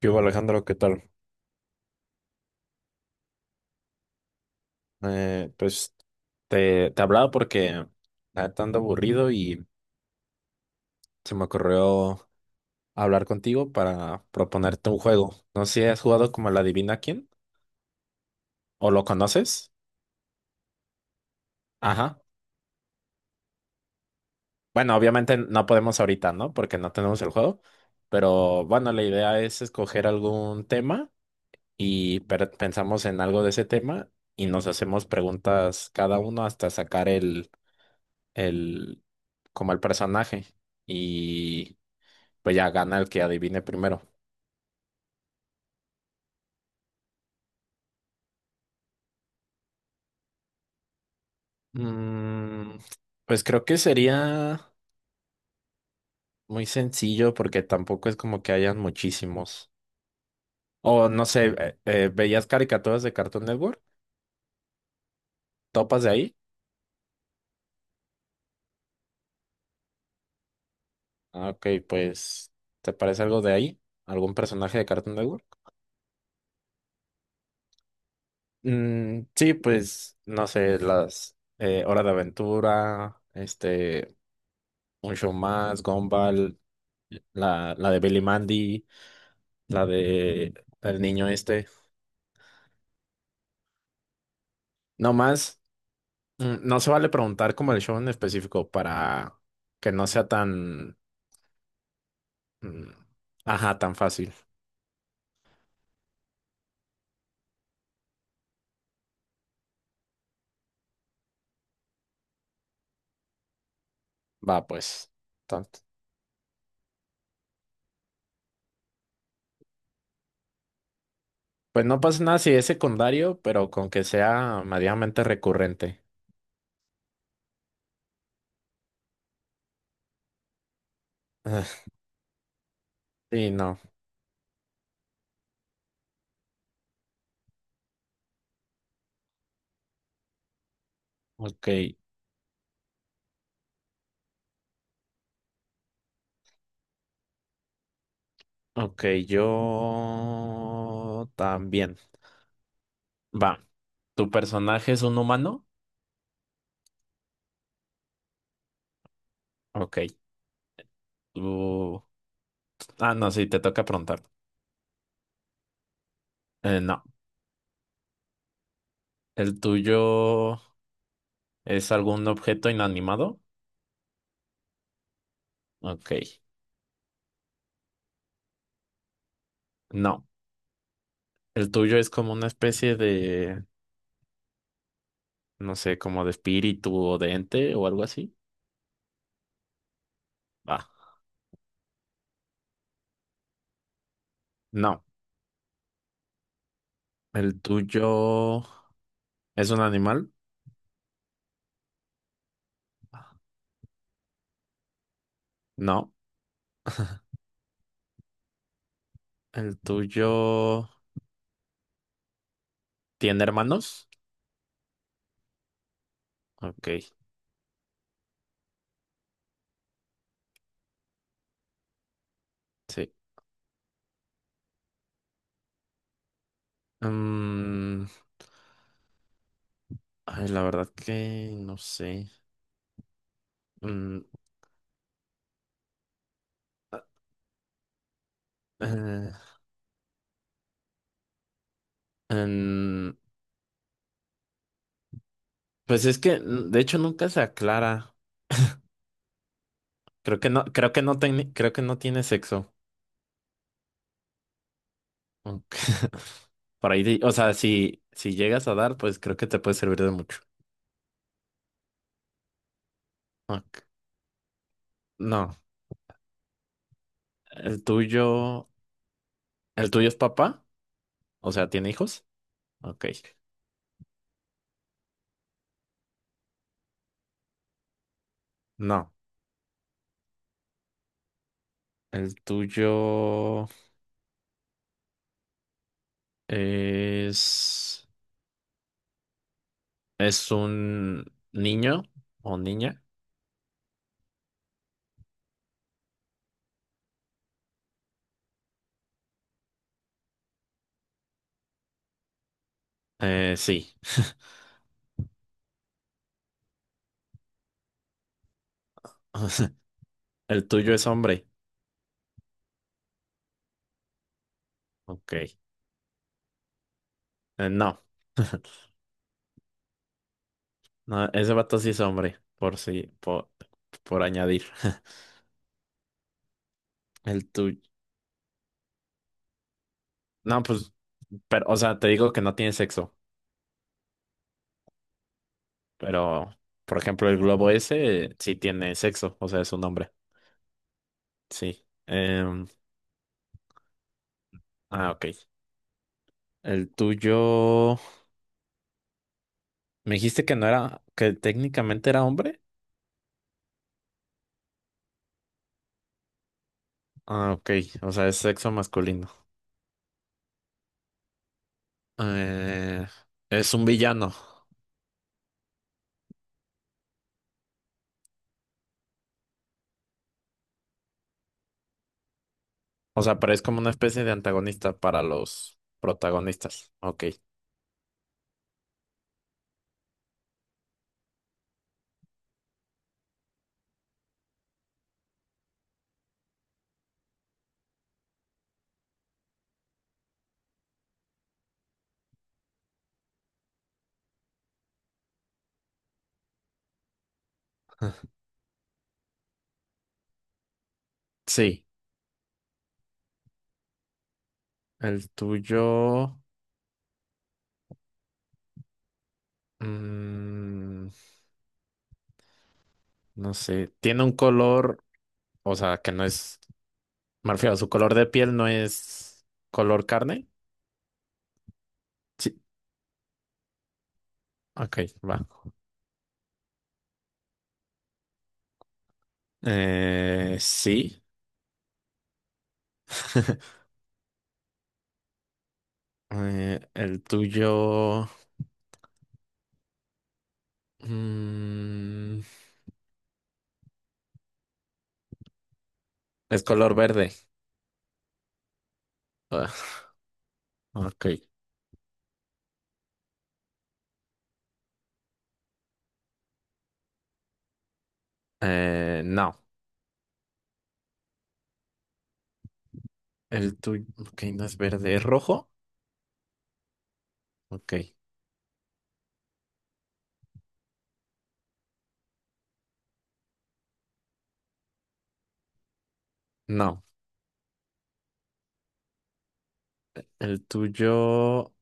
¿Qué hubo, Alejandro? ¿Qué tal? Pues te hablaba porque la neta ando aburrido y se me ocurrió hablar contigo para proponerte un juego. No sé si has jugado como la Adivina quién o lo conoces. Ajá. Bueno, obviamente no podemos ahorita, ¿no? Porque no tenemos el juego. Pero bueno, la idea es escoger algún tema y pensamos en algo de ese tema y nos hacemos preguntas cada uno hasta sacar el, como el personaje. Y Pues ya gana el que adivine primero. Mm, pues creo que sería muy sencillo porque tampoco es como que hayan muchísimos. O no sé, ¿veías caricaturas de Cartoon Network? ¿Topas de ahí? Ah, ok, pues, ¿te parece algo de ahí? ¿Algún personaje de Cartoon Network? Mm, sí, pues no sé, las Hora de Aventura, este, Un Show Más, Gumball, la de Billy Mandy, la de el niño este. No más. No se vale preguntar como el show en específico para que no sea tan, mm, ajá, tan fácil. Va, pues, tanto. Pues no pasa nada si es secundario, pero con que sea medianamente recurrente. Ah, sí, no. Ok, ok, yo también. Va, ¿tu personaje es un humano? Ok, tú... Ah, no, sí, te toca preguntar. No, ¿el tuyo es algún objeto inanimado? Ok. No. ¿El tuyo es como una especie de, no sé, como de espíritu o de ente o algo así? Ah, no. ¿El tuyo es un animal? No. ¿El tuyo tiene hermanos? Ok, sí. Mm, Ay, la verdad que no sé. Mm, ah, eh, em, pues es que, de hecho, nunca se aclara. Creo que no, creo que no, creo que no tiene sexo. Ok. Por ahí, o sea, si llegas a dar, pues creo que te puede servir de mucho. Ok. No, el tuyo, el tuyo es papá, o sea, ¿tiene hijos? Ok. No, el tuyo es, es un niño o niña. Sí. O sea, el tuyo es hombre. Ok. No. No, ese vato sí es hombre, por si, por añadir. El tuyo. No, pues, pero, o sea, te digo que no tiene sexo, pero, por ejemplo, el globo ese sí tiene sexo, o sea, es un hombre, sí. Ok. El tuyo, me dijiste que no era, que técnicamente era hombre. Ah, ok, o sea, es sexo masculino. Eh, es un villano, o sea, pero es como una especie de antagonista para los protagonistas. Ok. Sí, el tuyo, mm, no sé, tiene un color. O sea, que no es, me refiero, su color de piel no es color carne. Sí. Ok, va. Sí. El tuyo mm, es color verde. Ah, ok. No. El tuyo, ok, no es verde, es rojo. Ok, no. El tuyo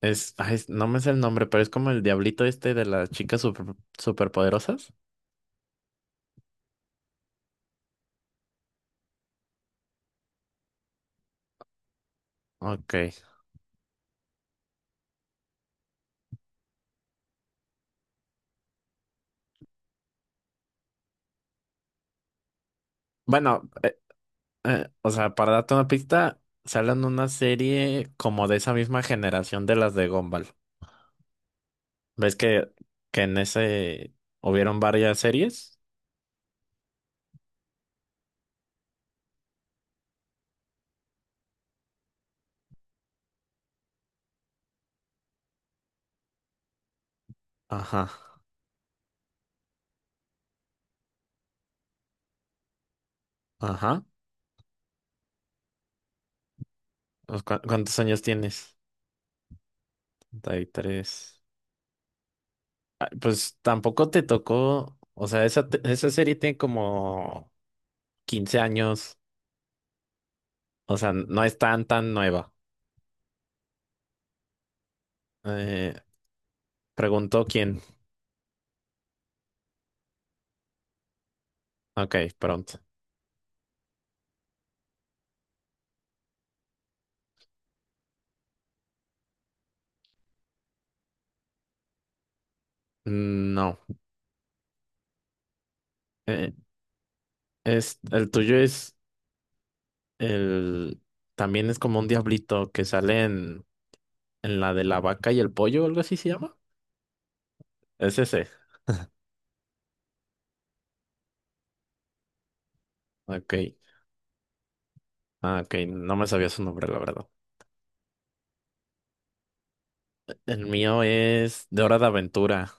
no me sé el nombre, pero es como el diablito este de las chicas super, superpoderosas. Ok. Bueno, o sea, para darte una pista, salen una serie como de esa misma generación de las de Gumball. ¿Ves que, en ese hubieron varias series? Ajá, ajá. Pues, ¿Cuántos años tienes? 33. Ah, pues tampoco te tocó, o sea, esa serie tiene como 15 años, o sea, no es tan, tan nueva. Eh, Preguntó quién. Ok, pronto. No. Eh, el tuyo es El, también es como un diablito que sale en la de la vaca y el pollo, algo así se llama. Es ese. Ok. Ah, ok. No me sabía su nombre, la verdad. El mío es de Hora de Aventura.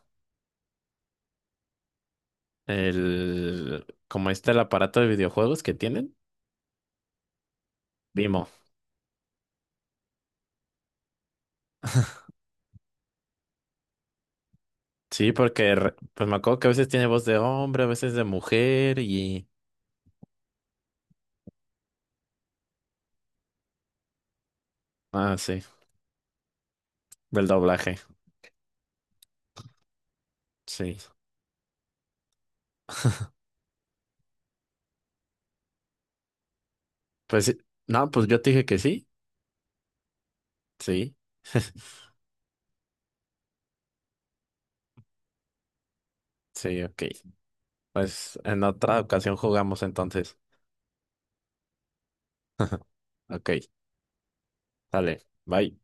Como este el aparato de videojuegos que tienen. Vimo. Sí, porque pues me acuerdo que a veces tiene voz de hombre, a veces de mujer. Ah, sí. Del doblaje. Sí. Pues sí. No, pues yo te dije que sí. Sí. Sí, ok. Pues en otra ocasión jugamos entonces. Ok, dale, bye.